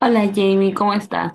Hola Jamie, ¿cómo estás?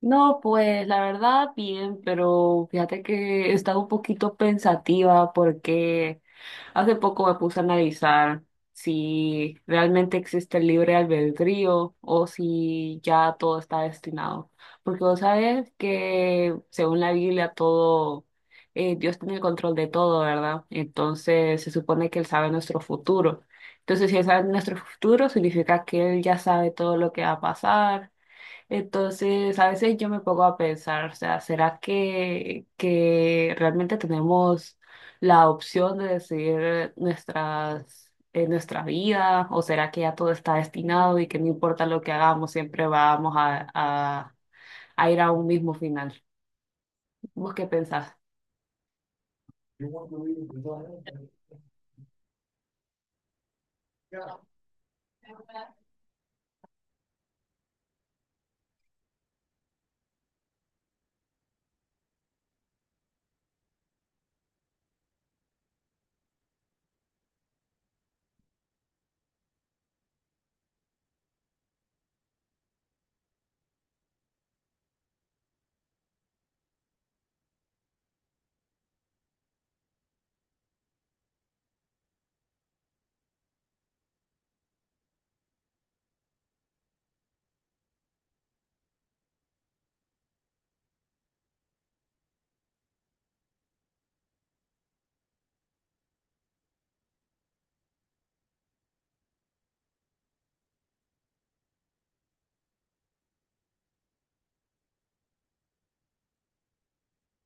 No, pues la verdad bien, pero fíjate que he estado un poquito pensativa porque hace poco me puse a analizar si realmente existe el libre albedrío o si ya todo está destinado. Porque vos sabes que según la Biblia todo, Dios tiene el control de todo, ¿verdad? Entonces se supone que Él sabe nuestro futuro. Entonces si Él sabe nuestro futuro significa que Él ya sabe todo lo que va a pasar. Entonces, a veces yo me pongo a pensar, o sea, ¿será que realmente tenemos la opción de decidir nuestra vida? ¿O será que ya todo está destinado y que no importa lo que hagamos, siempre vamos a ir a un mismo final? ¿Vos qué pensás?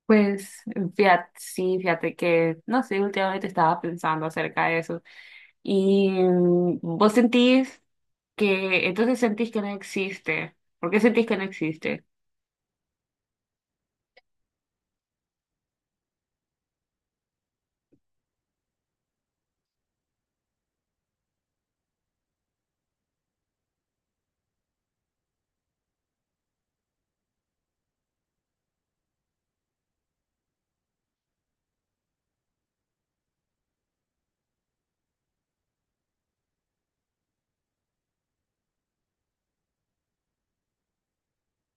Pues fíjate, sí, fíjate que, no sé, últimamente estaba pensando acerca de eso. Y vos sentís que, entonces sentís que no existe. ¿Por qué sentís que no existe?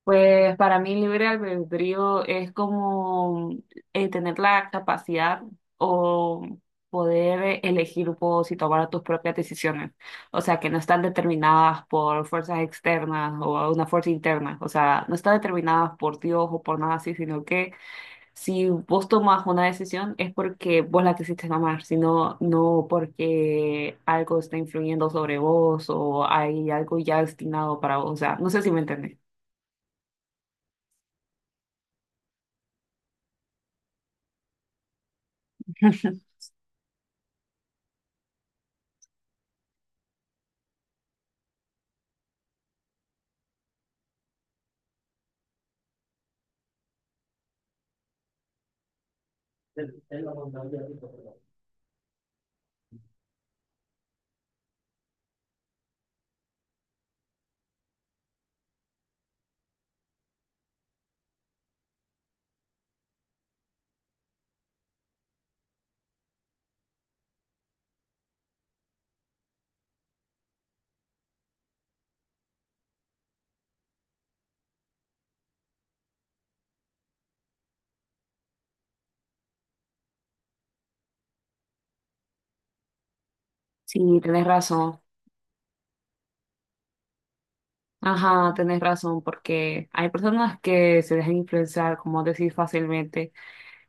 Pues para mí libre albedrío es como tener la capacidad o poder elegir vos y tomar tus propias decisiones. O sea, que no están determinadas por fuerzas externas o una fuerza interna. O sea, no están determinadas por Dios o por nada así, sino que si vos tomás una decisión es porque vos la quisiste tomar, sino no porque algo está influyendo sobre vos o hay algo ya destinado para vos. O sea, no sé si me entendés. Sí, tenés razón. Ajá, tenés razón, porque hay personas que se dejan influenciar, como decir, fácilmente.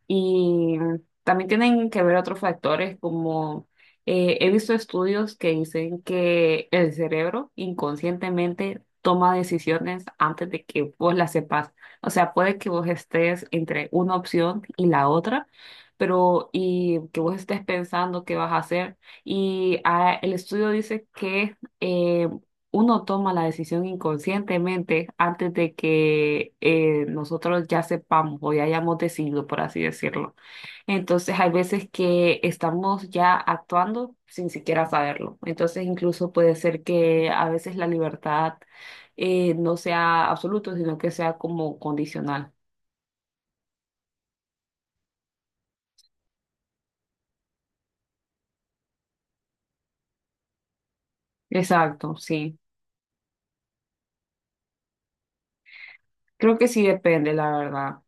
Y también tienen que ver otros factores, como he visto estudios que dicen que el cerebro inconscientemente toma decisiones antes de que vos las sepas. O sea, puede que vos estés entre una opción y la otra, pero y que vos estés pensando qué vas a hacer. Y el estudio dice que uno toma la decisión inconscientemente antes de que nosotros ya sepamos o ya hayamos decidido, por así decirlo. Entonces hay veces que estamos ya actuando sin siquiera saberlo. Entonces incluso puede ser que a veces la libertad no sea absoluta, sino que sea como condicional. Exacto, sí. Creo que sí depende, la verdad.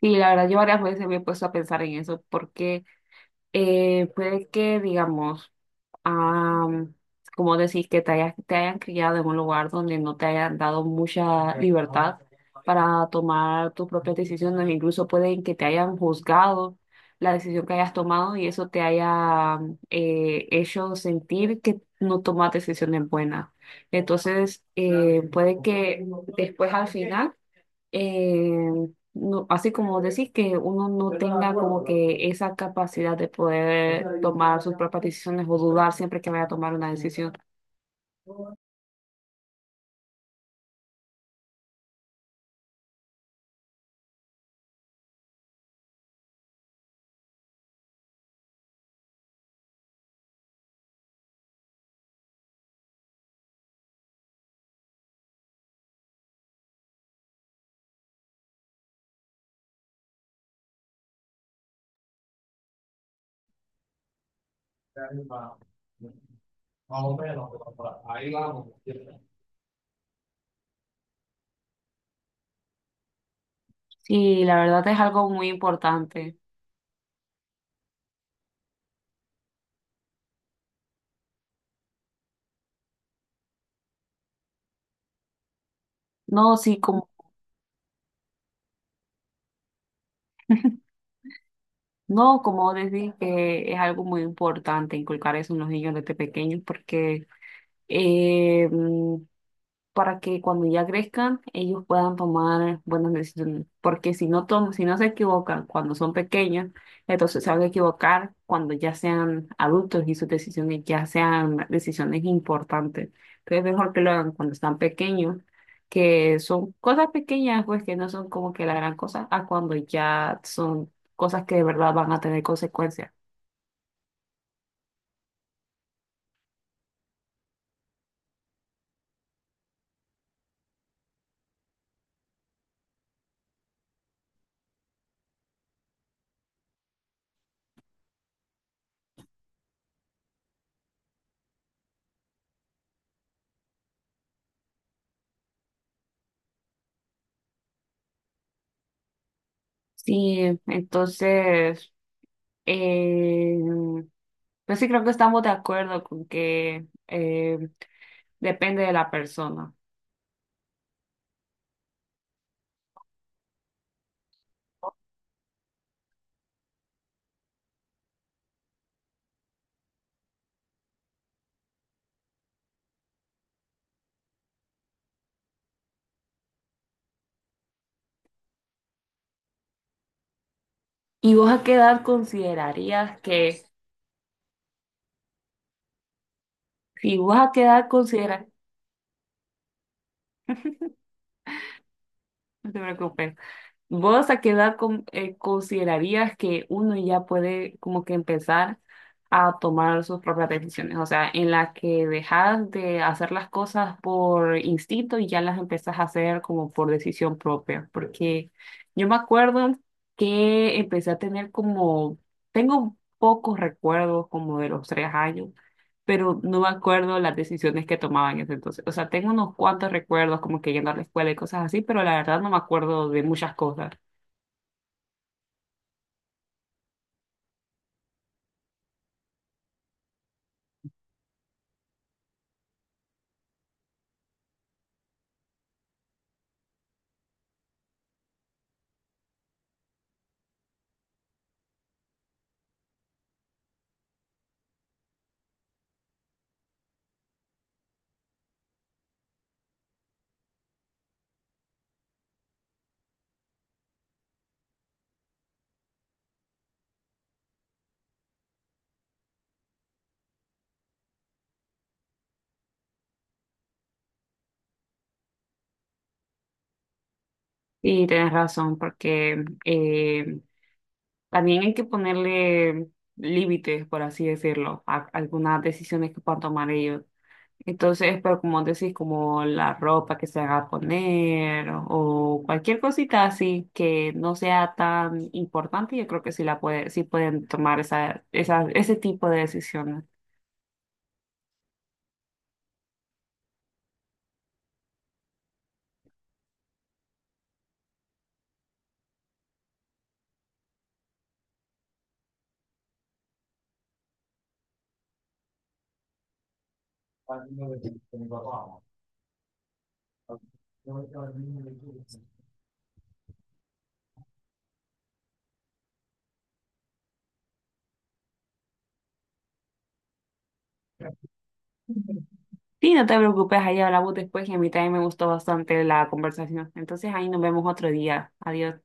Y la verdad, yo varias veces me he puesto a pensar en eso porque puede que, digamos, Ah, como decir que te hayan criado en un lugar donde no te hayan dado mucha libertad para tomar tus propias decisiones, incluso pueden que te hayan juzgado la decisión que hayas tomado y eso te haya hecho sentir que no tomas decisiones buenas. Entonces, puede que después al final, no, así como decir que uno no tenga como que esa capacidad de poder tomar sus propias decisiones o dudar siempre que vaya a tomar una decisión. Sí, la verdad es algo muy importante. No, sí, como, no, como decir que es algo muy importante inculcar eso en los niños desde pequeños porque, em, para que cuando ya crezcan ellos puedan tomar buenas decisiones. Porque si no se equivocan cuando son pequeños, entonces se van a equivocar cuando ya sean adultos y sus decisiones ya sean decisiones importantes. Entonces es mejor que lo hagan cuando están pequeños, que son cosas pequeñas, pues que no son como que la gran cosa, a cuando ya son cosas que de verdad van a tener consecuencias. Sí, entonces, eh, pero sí creo que estamos de acuerdo con que, depende de la persona. ¿Y vos a qué edad considerarías que? Si vos a qué edad consideras, no te preocupes. ¿Vos a qué edad considerarías que uno ya puede como que empezar a tomar sus propias decisiones? O sea, en la que dejas de hacer las cosas por instinto y ya las empezás a hacer como por decisión propia. Porque yo me acuerdo que empecé a tener tengo pocos recuerdos como de los 3 años. Pero no me acuerdo las decisiones que tomaba en ese entonces. O sea, tengo unos cuantos recuerdos como que yendo a la escuela y cosas así, pero la verdad no me acuerdo de muchas cosas. Sí, tienes razón, porque, también hay que ponerle límites, por así decirlo, a algunas decisiones que puedan tomar ellos. Entonces, pero como decís, como la ropa que se haga a poner o cualquier cosita así que no sea tan importante, yo creo que sí pueden tomar ese tipo de decisiones. Sí, no te preocupes, ahí hablamos después y a mí también me gustó bastante la conversación. Entonces, ahí nos vemos otro día. Adiós.